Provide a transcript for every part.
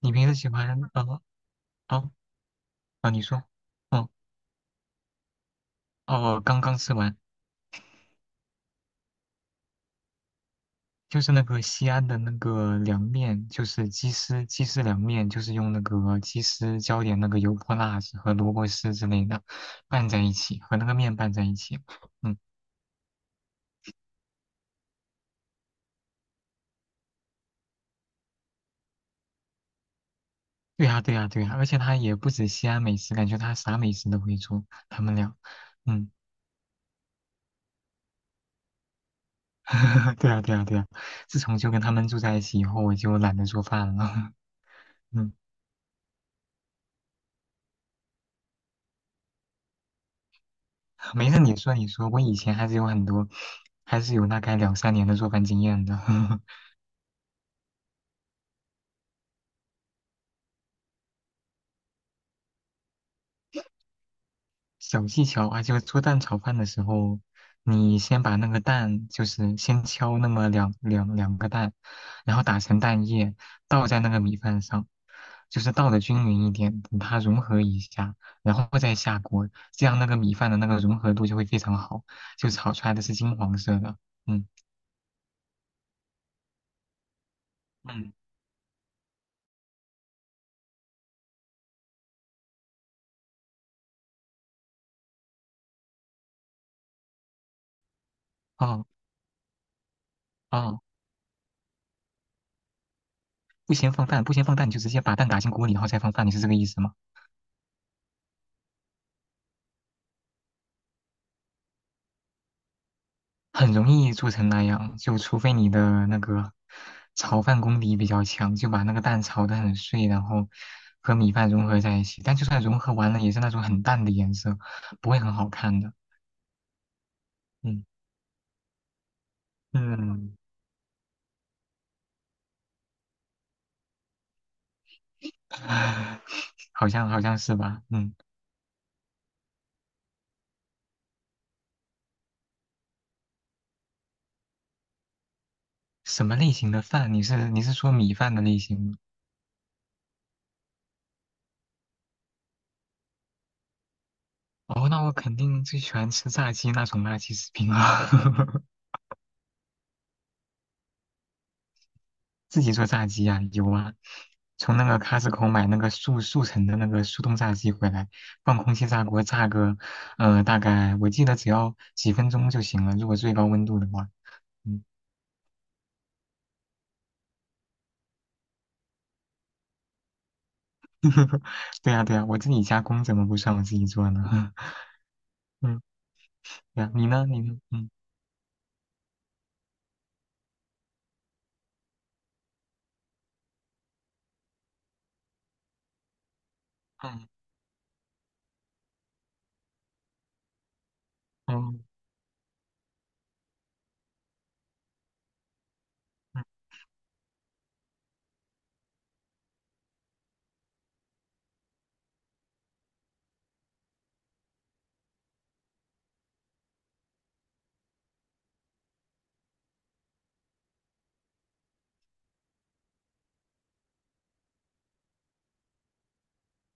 你平时喜欢哦。啊，你说。哦，刚刚吃完，就是那个西安的那个凉面，就是鸡丝凉面，就是用那个鸡丝浇点那个油泼辣子和萝卜丝之类的拌在一起，和那个面拌在一起。嗯，对呀对呀对呀，而且他也不止西安美食，感觉他啥美食都会做，他们俩。嗯，对呀对呀对呀，自从就跟他们住在一起以后，我就懒得做饭了。嗯。没事，你说你说，我以前还是有很多，还是有大概两三年的做饭经验的。小技巧啊，就是做蛋炒饭的时候，你先把那个蛋，就是先敲那么两个蛋，然后打成蛋液，倒在那个米饭上，就是倒的均匀一点，等它融合一下，然后再下锅，这样那个米饭的那个融合度就会非常好，就炒出来的是金黄色的。嗯嗯。哦哦，不先放饭，不先放蛋，你就直接把蛋打进锅里，然后再放饭，你是这个意思吗？很容易做成那样，就除非你的那个炒饭功底比较强，就把那个蛋炒得很碎，然后和米饭融合在一起。但就算融合完了，也是那种很淡的颜色，不会很好看的。嗯嗯，好像是吧？嗯，什么类型的饭？你是说米饭的类型吗？哦，那我肯定最喜欢吃炸鸡那种垃圾食品了。自己做炸鸡啊，有啊，从那个 c o 口买那个速成的那个速冻炸鸡回来，放空气炸锅炸个，大概我记得只要几分钟就行了，如果最高温度的话。嗯，对呀对呀，我自己加工怎么不算我自己做呢？嗯，对呀，你呢？你呢？嗯嗯嗯嗯。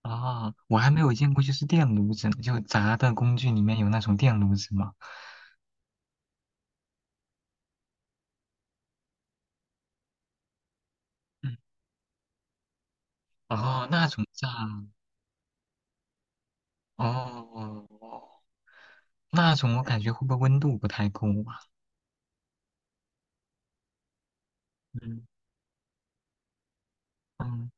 啊，我还没有见过就是电炉子呢就炸的工具里面有那种电炉子吗？嗯，哦，那种炸，哦。哦，那种我感觉会不会温度不太够啊？嗯嗯，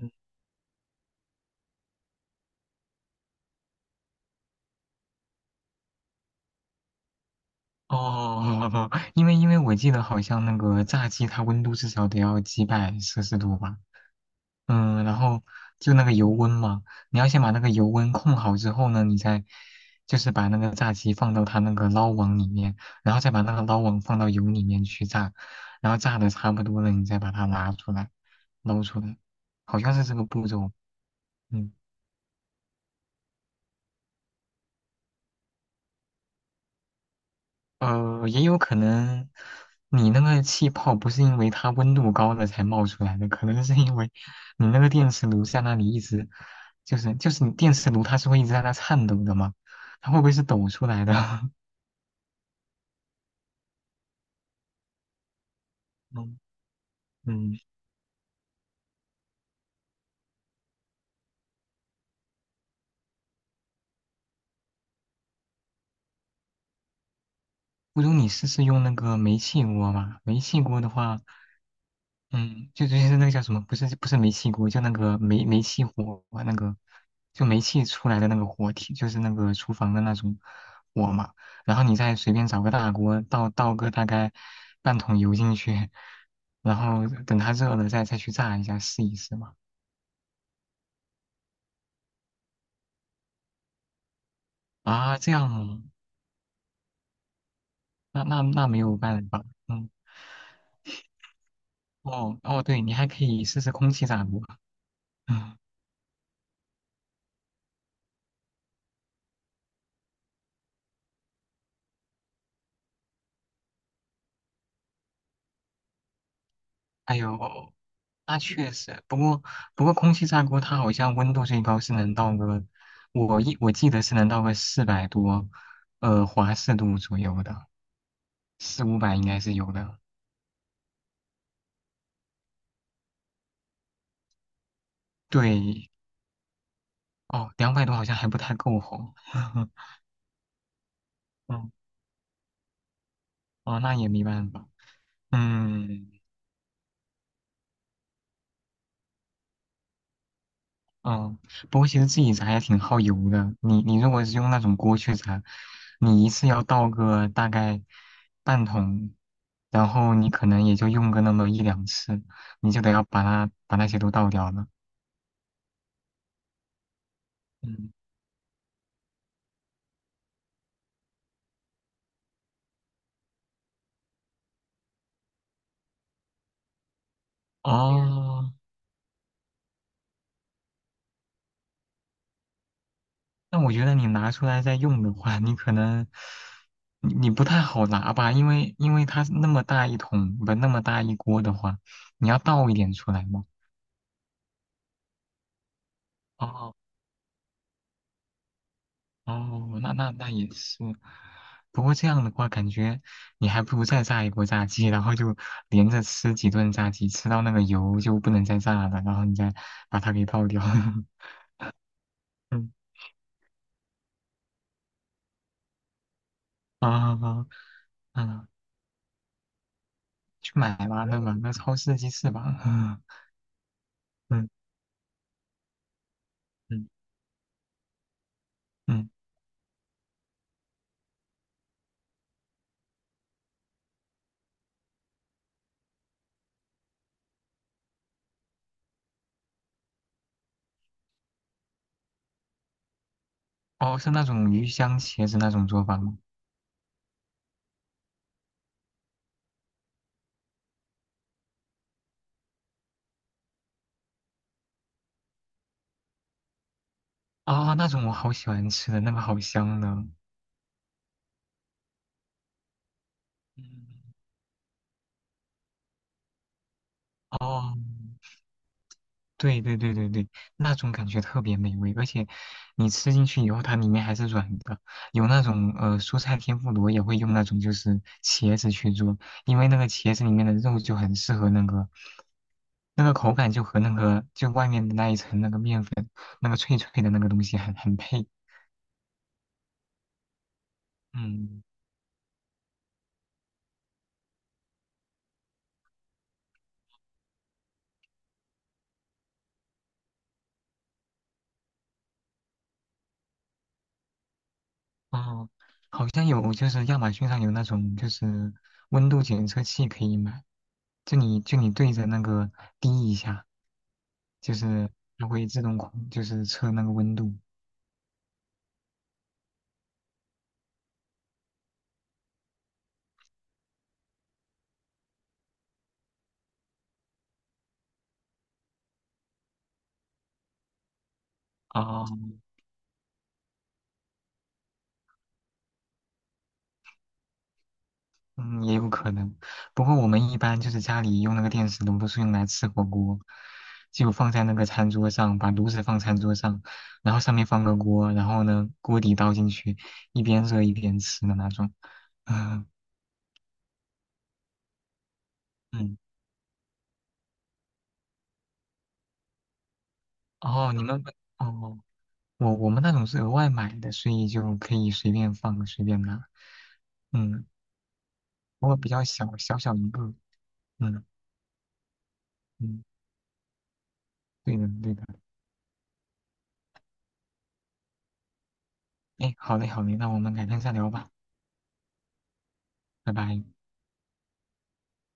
嗯哦，因为我记得好像那个炸鸡它温度至少得要几百摄氏度吧，嗯，然后就那个油温嘛，你要先把那个油温控好之后呢，你再就是把那个炸鸡放到它那个捞网里面，然后再把那个捞网放到油里面去炸，然后炸的差不多了，你再把它拿出来捞出来，好像是这个步骤。嗯也有可能你那个气泡不是因为它温度高了才冒出来的，可能是因为你那个电磁炉在那里一直，就是你电磁炉它是会一直在那颤抖的嘛，它会不会是抖出来的？嗯嗯，不如你试试用那个煤气锅吧，煤气锅的话。嗯，就是那个叫什么，不是不是煤气锅，就那个煤气火啊那个，就煤气出来的那个火体，就是那个厨房的那种火嘛。然后你再随便找个大锅倒个大概半桶油进去，然后等它热了再去炸一下试一试嘛。啊，这样哦那没有办法。嗯，哦哦，对，你还可以试试空气炸锅，嗯，还有。那确实，不过空气炸锅它好像温度最高是能到个，我记得是能到个400多，华氏度左右的，四五百应该是有的。对，哦，200多好像还不太够吼。嗯，哦，那也没办法。嗯，嗯，不过其实自己炸也挺耗油的。你如果是用那种锅去炸，你一次要倒个大概半桶，然后你可能也就用个那么一两次，你就得要把它把那些都倒掉了。嗯，嗯哦，那我觉得你拿出来再用的话，你可能你不太好拿吧，因为它那么大一桶，不那么大一锅的话，你要倒一点出来嘛。哦哦，那也是，不过这样的话，感觉你还不如再炸一波炸鸡，然后就连着吃几顿炸鸡，吃到那个油就不能再炸了，然后你再把它给倒掉。嗯啊啊啊！去买吧，那个超市鸡翅吧。嗯嗯嗯，哦，是那种鱼香茄子那种做法吗？啊、那种我好喜欢吃的，那个好香的。嗯哦。对对对对对，那种感觉特别美味，而且你吃进去以后，它里面还是软的。有那种蔬菜天妇罗也会用那种就是茄子去做，因为那个茄子里面的肉就很适合那个那个口感就和那个就外面的那一层那个面粉那个脆脆的那个东西很配。嗯。哦，好像有，就是亚马逊上有那种就是温度检测器可以买，就你对着那个滴一下，就是它会自动控，就是测那个温度。哦，嗯，也有可能。不过我们一般就是家里用那个电磁炉都是用来吃火锅，就放在那个餐桌上，把炉子放餐桌上，然后上面放个锅，然后呢锅底倒进去，一边热一边吃的那种。嗯嗯，哦，你们哦。我们那种是额外买的，所以就可以随便放随便拿。嗯，不过比较小，小小一个。嗯嗯，对的对的。哎，好嘞好嘞，那我们改天再聊吧，拜拜。